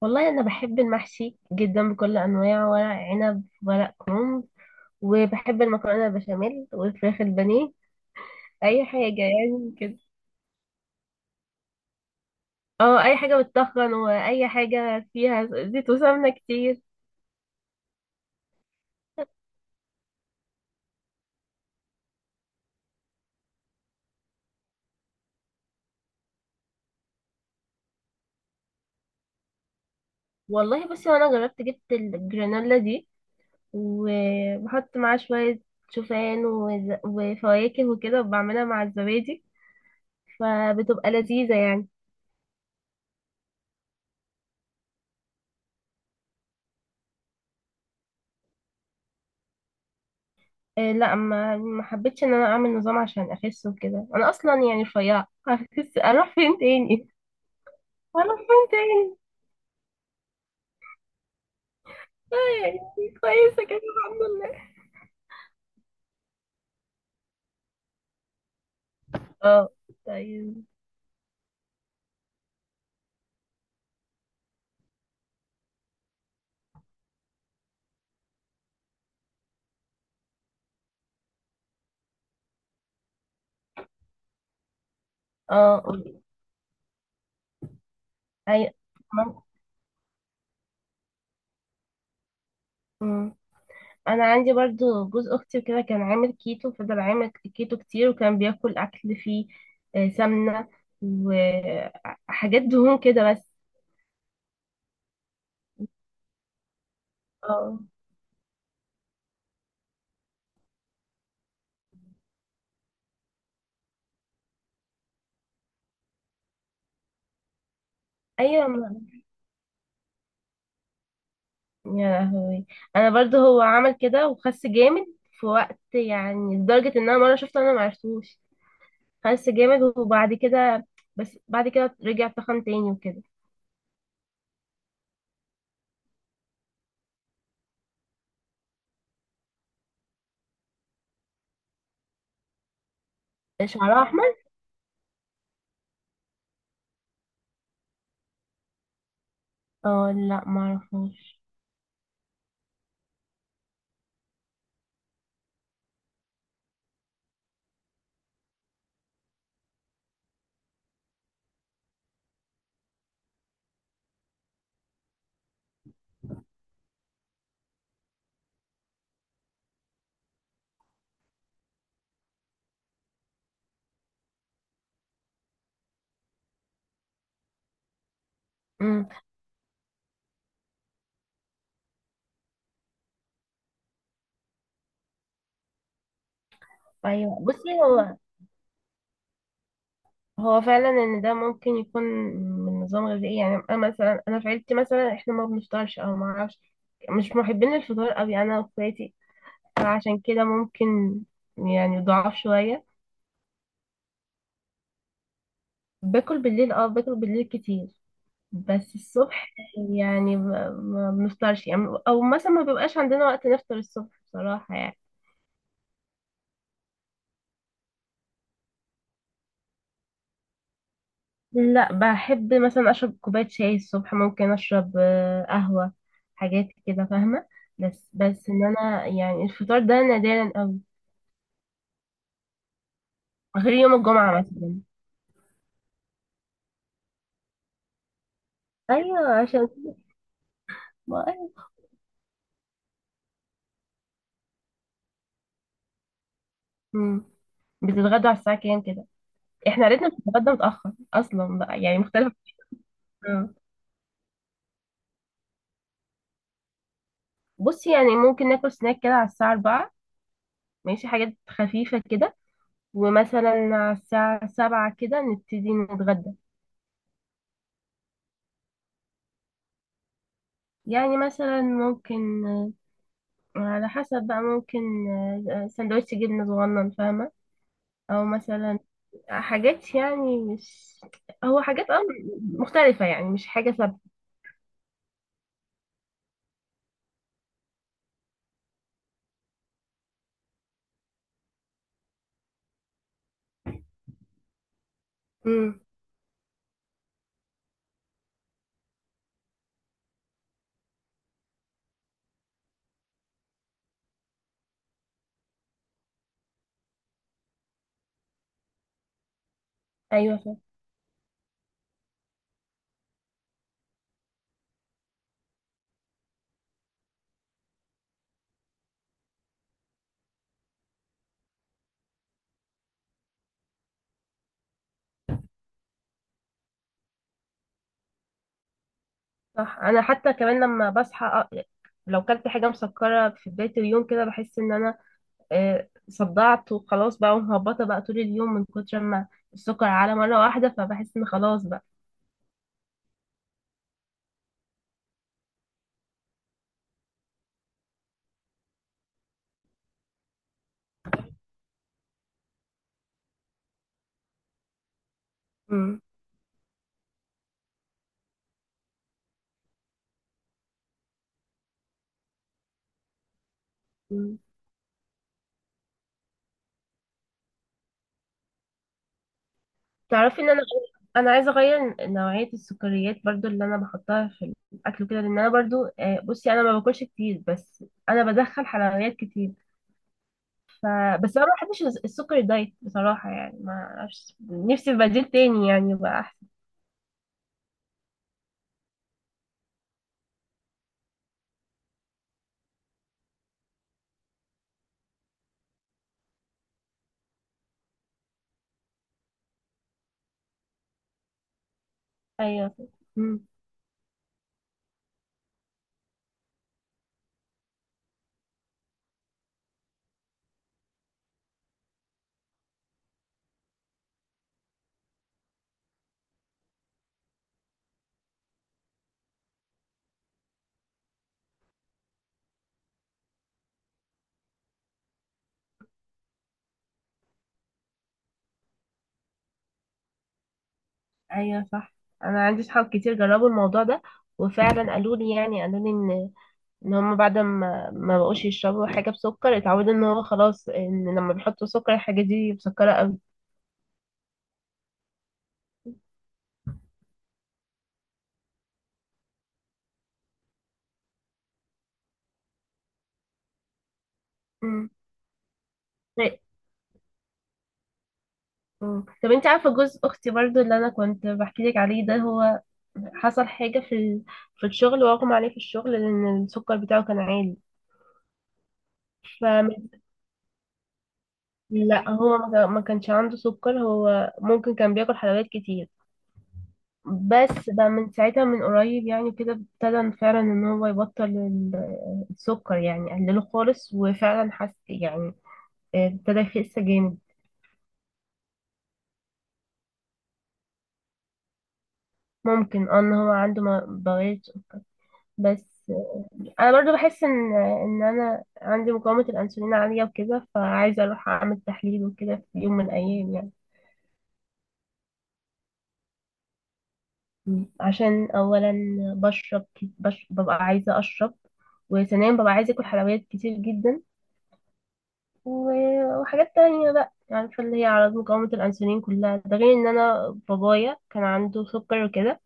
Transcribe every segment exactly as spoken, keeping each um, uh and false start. والله أنا بحب المحشي جدا بكل أنواعه، ورق عنب ورق كرنب، وبحب المكرونة البشاميل والفراخ البانيه، أي حاجة يعني كده. اه، أي حاجة بتطخن وأي حاجة فيها زيت وسمنة كتير. والله بصي، وأنا جربت جبت الجرانولا دي، وبحط معاها شوية شوفان وز- وفواكه وكده، وبعملها مع الزبادي، فبتبقى لذيذة يعني. إيه لا، ما ما حبيتش ان انا اعمل نظام عشان اخس وكده، انا اصلا يعني رفيعه، هخس اروح فين تاني؟ اروح فين تاني؟ آه يعني كويسه كده، الحمد لله. اه. طيب. اه، قولي. اي. ما- مم. انا عندي برضو جوز اختي كده، كان عامل كيتو، فضل عامل كيتو كتير، وكان بياكل اكل فيه آه، سمنه وحاجات دهون كده بس. اه. ايوه. يا لهوي. انا برضو هو عمل كده وخس جامد في وقت يعني، لدرجة ان انا مرة شفته انا معرفتوش، خس جامد وبعد كده. بس بعد كده رجع تخن تاني وكده. شعره احمر؟ اه لا، معرفوش. امم. ايوه بصي، هو هو فعلا ان ده ممكن يكون من نظام غذائي يعني، انا مثلا انا في عيلتي، مثلا احنا ما بنفطرش، او ما اعرفش، مش محبين الفطار قوي انا واخواتي، فعشان كده ممكن يعني ضعاف شوية. باكل بالليل، اه باكل بالليل كتير، بس الصبح يعني ما ما بنفطرش يعني، او مثلا ما بيبقاش عندنا وقت نفطر الصبح بصراحة يعني. لا، بحب مثلا اشرب كوباية شاي الصبح، ممكن اشرب آه، قهوة، حاجات كده، فاهمة؟ بس بس ان انا يعني الفطار ده نادرا قوي، غير يوم الجمعة مثلا. ايوه، عشان كده. ما- أيوة. مم. بتتغدوا على الساعة كام كده؟ احنا عيلتنا بتتغدى متأخر اصلا بقى، يعني مختلفة. آه. بصي يعني ممكن ناكل سناك كده على الساعة الرابعة، ماشي، حاجات خفيفة كده، ومثلا على الساعة سبعة كده نبتدي نتغدى. يعني مثلا ممكن، آه، على حسب بقى، ممكن آه، سندوتش جبنة صغنن، فاهمة؟ أو مثلا حاجات يعني، مش هو حاجات اه مختلفة، يعني مش حاجة ثابتة. امم. أيوة صح. صح. أنا حتى كمان لما بصحى، آه، لو كلت حاجة مسكرة في بداية اليوم كده، بحس إن أنا آه، صدعت وخلاص بقى، ومهبطة بقى طول اليوم من كتر ما السكر على مرة واحدة، فبحس إن خلاص بقى. امم. تعرفي ان انا انا عايزه اغير نوعيه السكريات برضو، اللي انا بحطها في الاكل كده، لان انا برضو آه، بصي انا ما باكلش كتير، بس انا بدخل حلويات كتير. ف بس انا ما بحبش الس- السكر دايت بصراحه، يعني ما اعرفش نفسي في بديل تاني يعني يبقى احسن. ايوه. امم. ايوه صح. انا عندي صحاب كتير جربوا الموضوع ده، وفعلا قالوا لي، يعني قالوا لي ان ان هم بعد ما ما بقوش يشربوا حاجه بسكر، اتعودوا ان هو خلاص، ان لما بيحطوا سكر الحاجه دي مسكره قوي. امم. مم. طب انت عارفة جوز اختي برضو اللي انا كنت بحكي لك عليه ده، هو حصل حاجة في ال... في الشغل، واغمى عليه في الشغل لان السكر بتاعه كان عالي. ف لا هو ما كان- ما كانش عنده سكر، هو ممكن كان بياكل حلويات كتير، بس بقى من ساعتها، من قريب يعني كده ابتدى فعلا ان هو يبطل ال- السكر، يعني قلله خالص وفعلا حس يعني ابتدى يخس جامد. ممكن، اه ان هو عنده بواسير، بس. انا برضو بحس ان ان انا عندي مقاومة الانسولين عالية وكده، فعايزة اروح اعمل تحليل وكده في يوم من الايام يعني. مم. عشان اولا بشرب كت- بش... ببقى عايزة اشرب، وثانيا ببقى عايزة اكل حلويات كتير جدا، و- وحاجات تانية بقى، يعني فاللي هي اعراض مقاومة الانسولين كلها، ده غير ان انا بابايا كان عنده سكر وكده،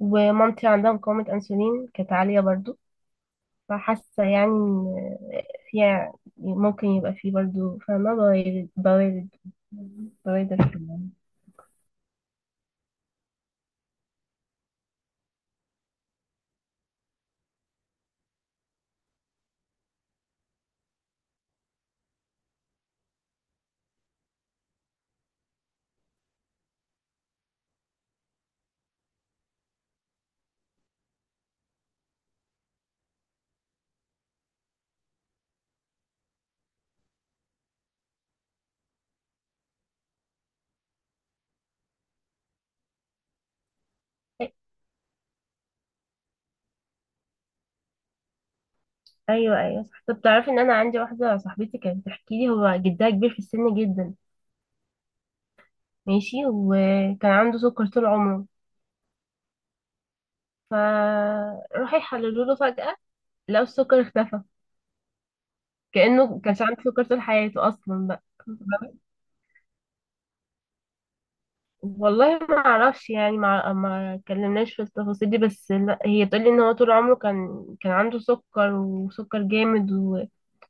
ومامتي عندها مقاومة انسولين كانت عالية برضو، فحاسة يعني إن فيها ممكن يبقى فيه برضو، فاهمة؟ بوارد بوارد بوادر في الموضوع. أيوة، أيوة، صح. طب تعرفي إن أنا عندي واحدة صاحبتي كانت بتحكي لي، هو جدها كبير في السن جدا، ماشي، وكان عنده سكر طول عمره، فراح يحللوا له فجأة، لقوا السكر اختفى، كأنه كانش عنده سكر طول حياته أصلا بقى. والله ما اعرفش يعني، ما ما اتكلمناش في التفاصيل دي، بس لا هي تقول لي ان هو طول عمره كان كان عنده سكر وسكر جامد، و...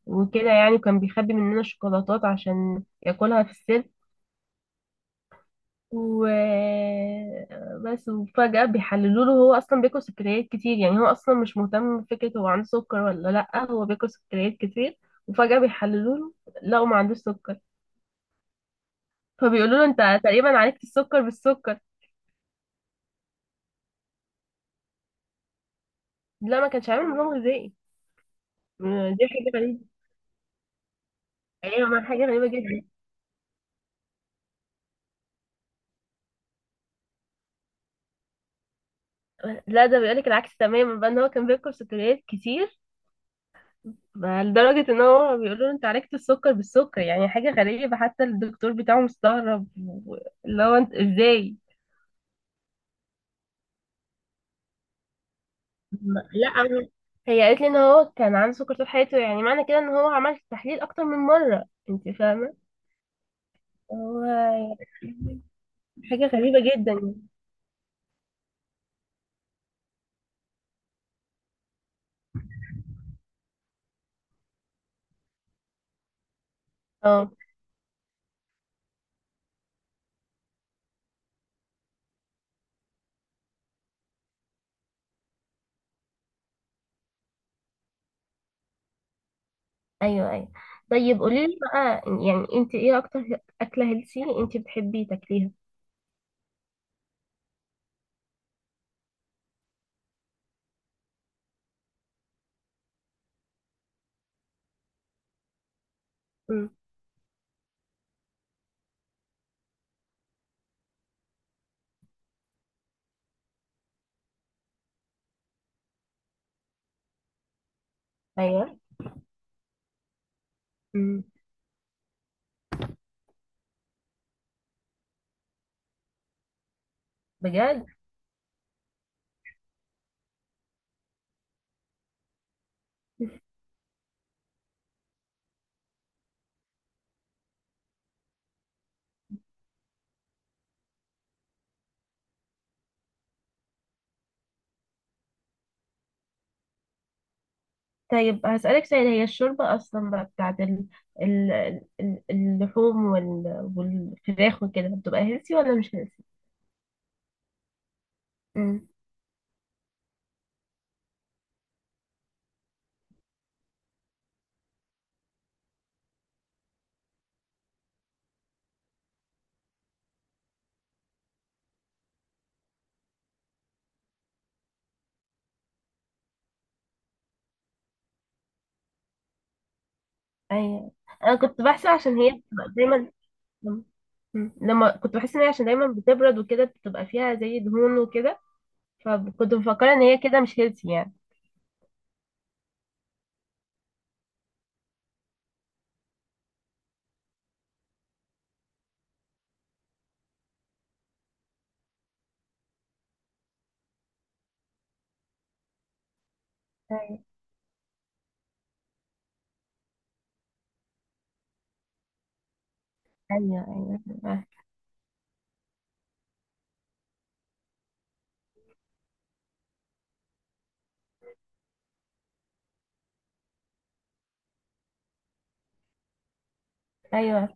وكده يعني، وكان بيخبي مننا الشوكولاتات عشان ياكلها في السر، و بس. وفجأة بيحللوا له، هو اصلا بياكل سكريات كتير، يعني هو اصلا مش مهتم بفكرة هو عنده سكر ولا لا، هو بياكل سكريات كتير، وفجأة بيحللوا له، لقوا ما عندوش سكر، فبيقولوا له انت تقريبا عالجت السكر بالسكر. لا، ما كانش عامل نظام غذائي. آه، دي حاجة غريبة. ايوه، ما حاجه غريبه جدا. لا، ده بيقولك العكس تماما بقى، ان هو كان بياكل سكريات كتير، بقى لدرجه ان هو بيقولوا له انت عالجت السكر بالسكر، يعني حاجه غريبه، حتى الدكتور بتاعه مستغرب. و- اللي هو انت ازاي؟ ما- لا أنا- هي قالت لي ان هو كان عنده سكر طول حياته، يعني معنى كده ان هو عمل تحليل اكتر من مره، انت فاهمه؟ هو يعني حاجه غريبه جدا. اه، ايوه ايوه. طيب قولي لي بقى، يعني انت ايه اكتر اكله هيلسي انت بتحبي تاكليها؟ امم. ايوه. مم. بجد؟ طيب هسألك سؤال، هي الشوربة أصلا بقى بتاعت ال... ال... ال- اللحوم وال... والفراخ وكده، بتبقى هيلثي ولا مش هيلثي؟ مم. أيوة. أنا كنت بحسب عشان هي بتبقى دايما. مم. مم. لما كنت بحس إن هي عشان دايما بتبرد وكده، بتبقى فيها زي دهون وكده، فكنت مفكرة إن هي كده مش هيلثي يعني. أيوة، أيوة، أيوة، أيوة.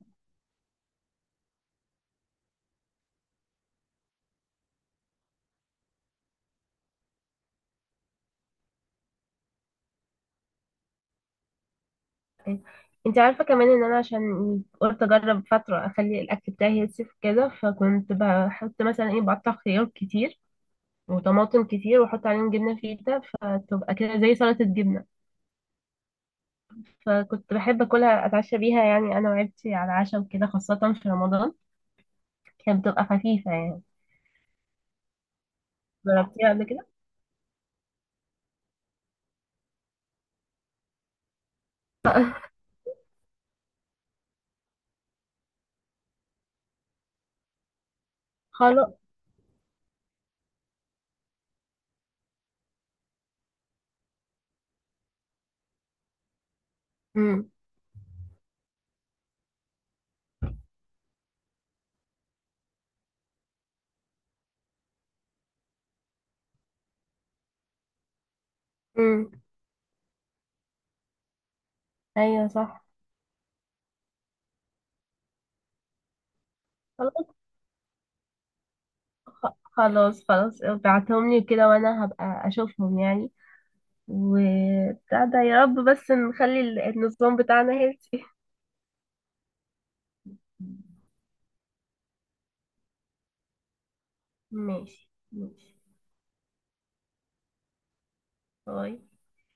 انت عارفة كمان ان انا عشان قلت اجرب فترة اخلي الاكل بتاعي هيلثي كده، فكنت بحط مثلا ايه؟ بقطع خيار كتير وطماطم كتير واحط عليهم جبنة فيتا، فتبقى كده زي سلطة جبنة، فكنت بحب اكلها اتعشى بيها يعني انا وعيلتي على العشاء وكده، خاصة في رمضان كانت بتبقى خفيفة يعني. جربتيها قبل كده؟ خلاص. امم. امم. ايوه صح. خلاص، خ- خلاص، خلاص، ابعتهم لي كده وانا هبقى اشوفهم يعني، وبتاع ده، يا رب بس نخلي ال- النظام بتاعنا هيلثي. ماشي، ماشي. باي.